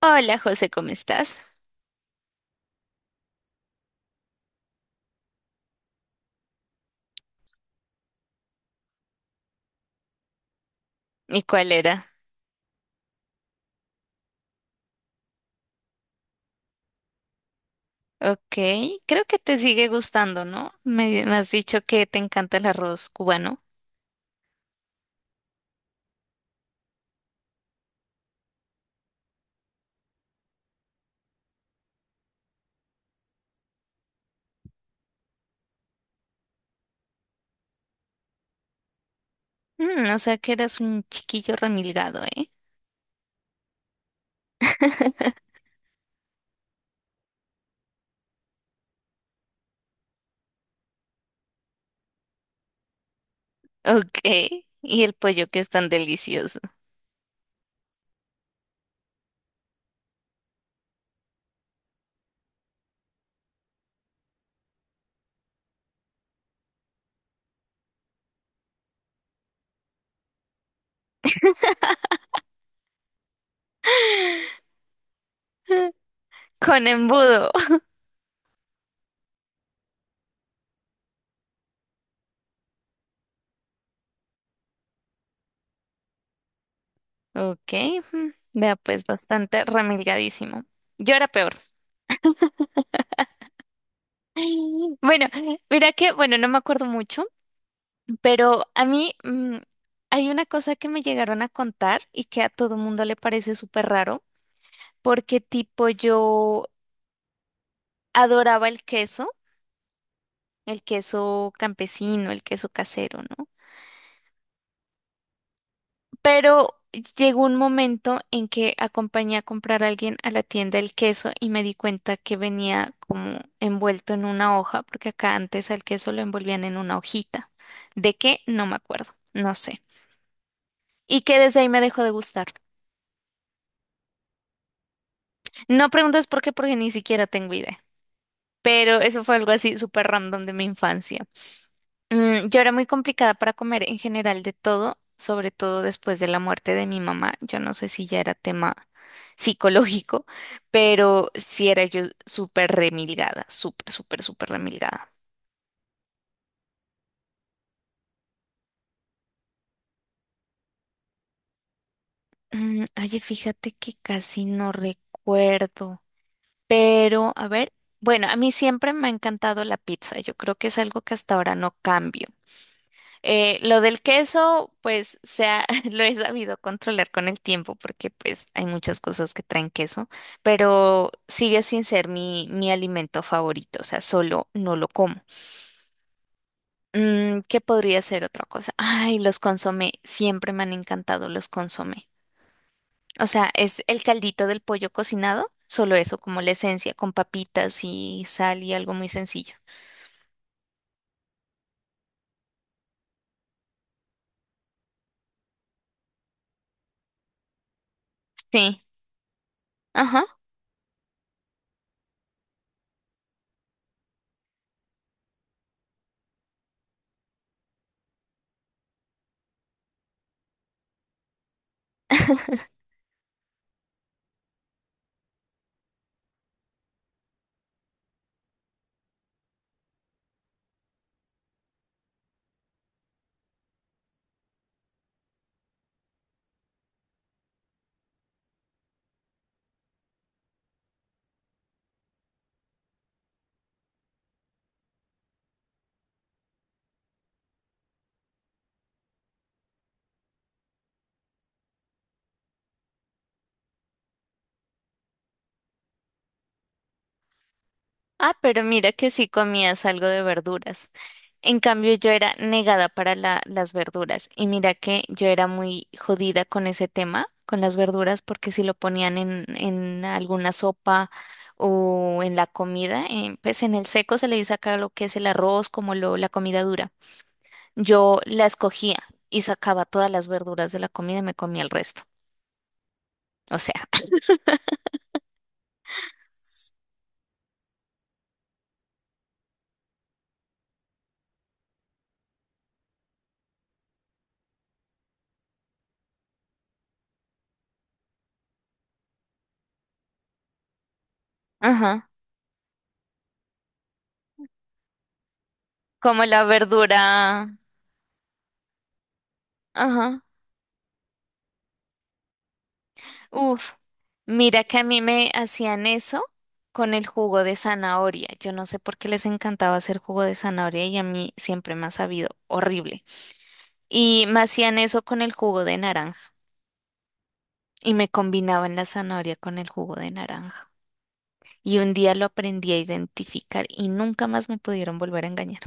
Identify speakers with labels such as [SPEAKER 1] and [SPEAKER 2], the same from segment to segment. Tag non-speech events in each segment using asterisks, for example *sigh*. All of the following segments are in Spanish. [SPEAKER 1] Hola José, ¿cómo estás? ¿Y cuál era? Ok, creo que te sigue gustando, ¿no? Me has dicho que te encanta el arroz cubano. Mm, o sea que eras un chiquillo remilgado, ¿eh? *laughs* Ok, y el pollo que es tan delicioso. *laughs* Con embudo. Ok, mm, vea pues bastante remilgadísimo. Yo era peor. *laughs* Bueno, mira que, bueno, no me acuerdo mucho, pero a mí hay una cosa que me llegaron a contar y que a todo mundo le parece súper raro, porque tipo yo adoraba el queso campesino, el queso casero, ¿no? Pero llegó un momento en que acompañé a comprar a alguien a la tienda el queso y me di cuenta que venía como envuelto en una hoja, porque acá antes al queso lo envolvían en una hojita. ¿De qué? No me acuerdo, no sé. Y que desde ahí me dejó de gustar. No preguntes por qué, porque ni siquiera tengo idea. Pero eso fue algo así súper random de mi infancia. Mm, yo era muy complicada para comer en general de todo, sobre todo después de la muerte de mi mamá. Yo no sé si ya era tema psicológico, pero sí era yo súper remilgada, súper, súper, súper remilgada. Mm, oye, fíjate que casi no recuerdo, pero a ver, bueno, a mí siempre me ha encantado la pizza. Yo creo que es algo que hasta ahora no cambio. Lo del queso, pues se *laughs* lo he sabido controlar con el tiempo, porque pues hay muchas cosas que traen queso, pero sigue sin ser mi alimento favorito, o sea, solo no lo como. Mm, ¿qué podría ser otra cosa? Ay, los consomé, siempre me han encantado los consomé. O sea, es el caldito del pollo cocinado, solo eso, como la esencia, con papitas y sal y algo muy sencillo. Sí, ajá. *laughs* Ah, pero mira que sí comías algo de verduras. En cambio, yo era negada para la- las verduras. Y mira que yo era muy jodida con ese tema, con las verduras, porque si lo ponían en alguna sopa o en la comida, pues en el seco se le dice acá lo que es el arroz, como lo, la comida dura. Yo la escogía y sacaba todas las verduras de la comida y me comía el resto. O sea, *laughs* ajá, como la verdura, ajá. Uf, mira que a mí me hacían eso con el jugo de zanahoria. Yo no sé por qué les encantaba hacer jugo de zanahoria y a mí siempre me ha sabido horrible. Y me hacían eso con el jugo de naranja y me combinaban la zanahoria con el jugo de naranja. Y un día lo aprendí a identificar y nunca más me pudieron volver a engañar.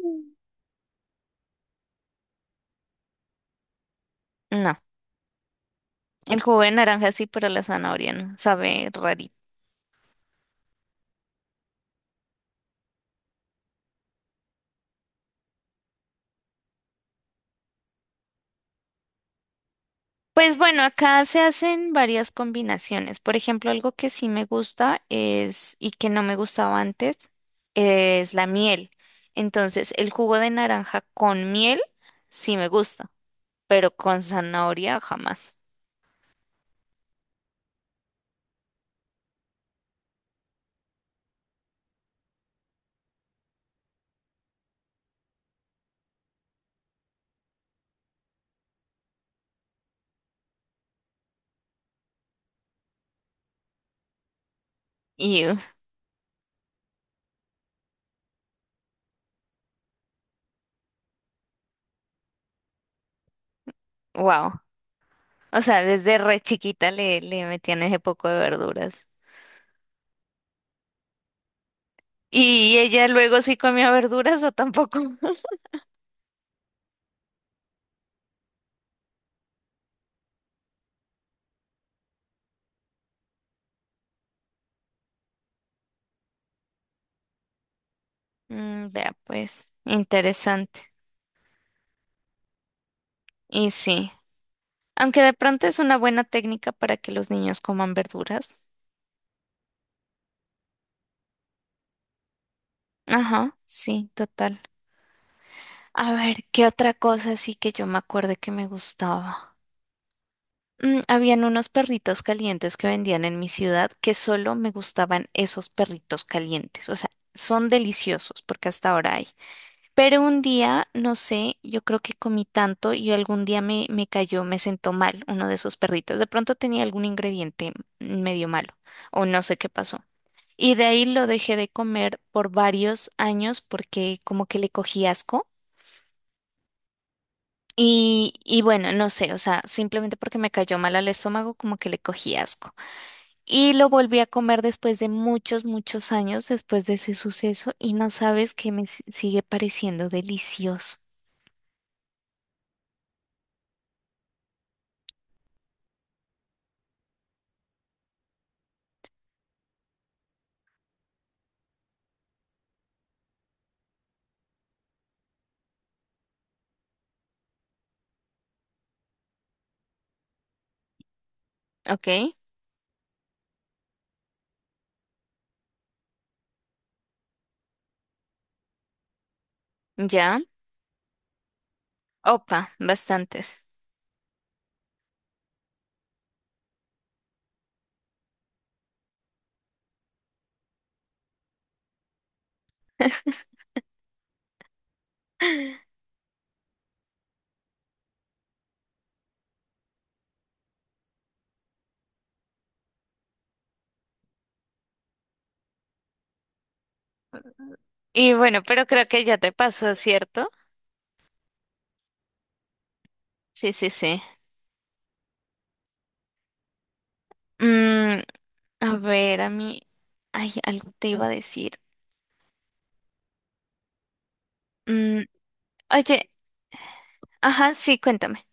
[SPEAKER 1] Mm. No, el jugo de naranja sí, pero la zanahoria no, sabe rarito. Pues bueno, acá se hacen varias combinaciones. Por ejemplo, algo que sí me gusta es, y que no me gustaba antes, es la miel. Entonces, el jugo de naranja con miel sí me gusta, pero con zanahoria jamás. Y wow. O sea, desde re chiquita le metían ese poco de verduras. ¿Y ella luego sí comía verduras o tampoco? *laughs* Mm, vea, pues, interesante. Y sí. Aunque de pronto es una buena técnica para que los niños coman verduras. Ajá, sí, total. A ver, ¿qué otra cosa sí que yo me acuerdo que me gustaba? Mm, habían unos perritos calientes que vendían en mi ciudad que solo me gustaban esos perritos calientes. O sea, son deliciosos porque hasta ahora hay. Pero un día, no sé, yo creo que comí tanto y algún día me cayó, me sentó mal uno de esos perritos. De pronto tenía algún ingrediente medio malo o no sé qué pasó. Y de ahí lo dejé de comer por varios años porque como que le cogí asco. Y bueno, no sé, o sea, simplemente porque me cayó mal al estómago, como que le cogí asco. Y lo volví a comer después de muchos, muchos años después de ese suceso y no sabes que me si- sigue pareciendo delicioso. ¿Ok? Ya. Opa, bastantes. Y bueno, pero creo que ya te pasó, ¿cierto? Sí, sí, sí. Mm, a ver, a mí, ay, algo te iba a decir. Mm, oye, ajá, sí, cuéntame.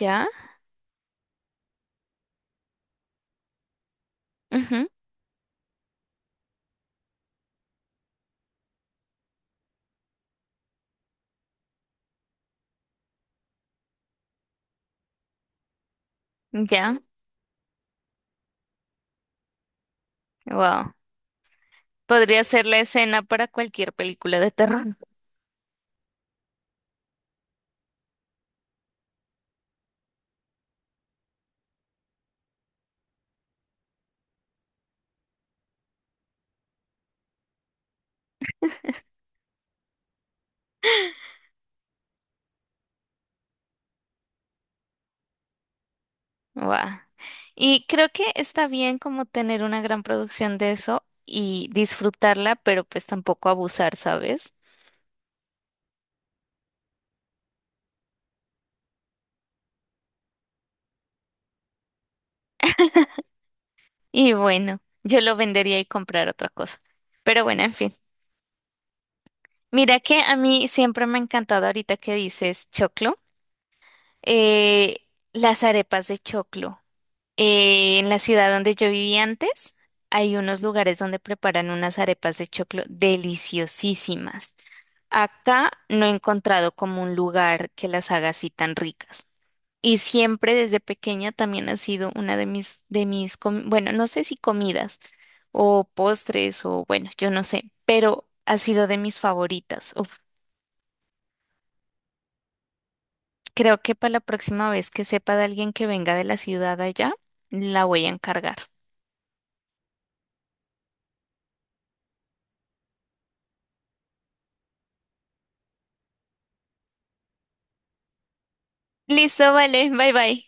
[SPEAKER 1] Ya. Ujú. Ya. Wow. Podría ser la escena para cualquier película de terror. Wow. Y creo que está bien como tener una gran producción de eso y disfrutarla, pero pues tampoco abusar, ¿sabes? Y bueno, yo lo vendería y comprar otra cosa. Pero bueno, en fin. Mira que a mí siempre me ha encantado ahorita que dices choclo, eh, las arepas de choclo. En la ciudad donde yo viví antes, hay unos lugares donde preparan unas arepas de choclo deliciosísimas. Acá no he encontrado como un lugar que las haga así tan ricas. Y siempre desde pequeña también ha sido una de mis, com- bueno, no sé si comidas o postres o bueno, yo no sé, pero ha sido de mis favoritas. Uf, creo que para la próxima vez que sepa de alguien que venga de la ciudad allá, la voy a encargar. Listo, vale, bye bye.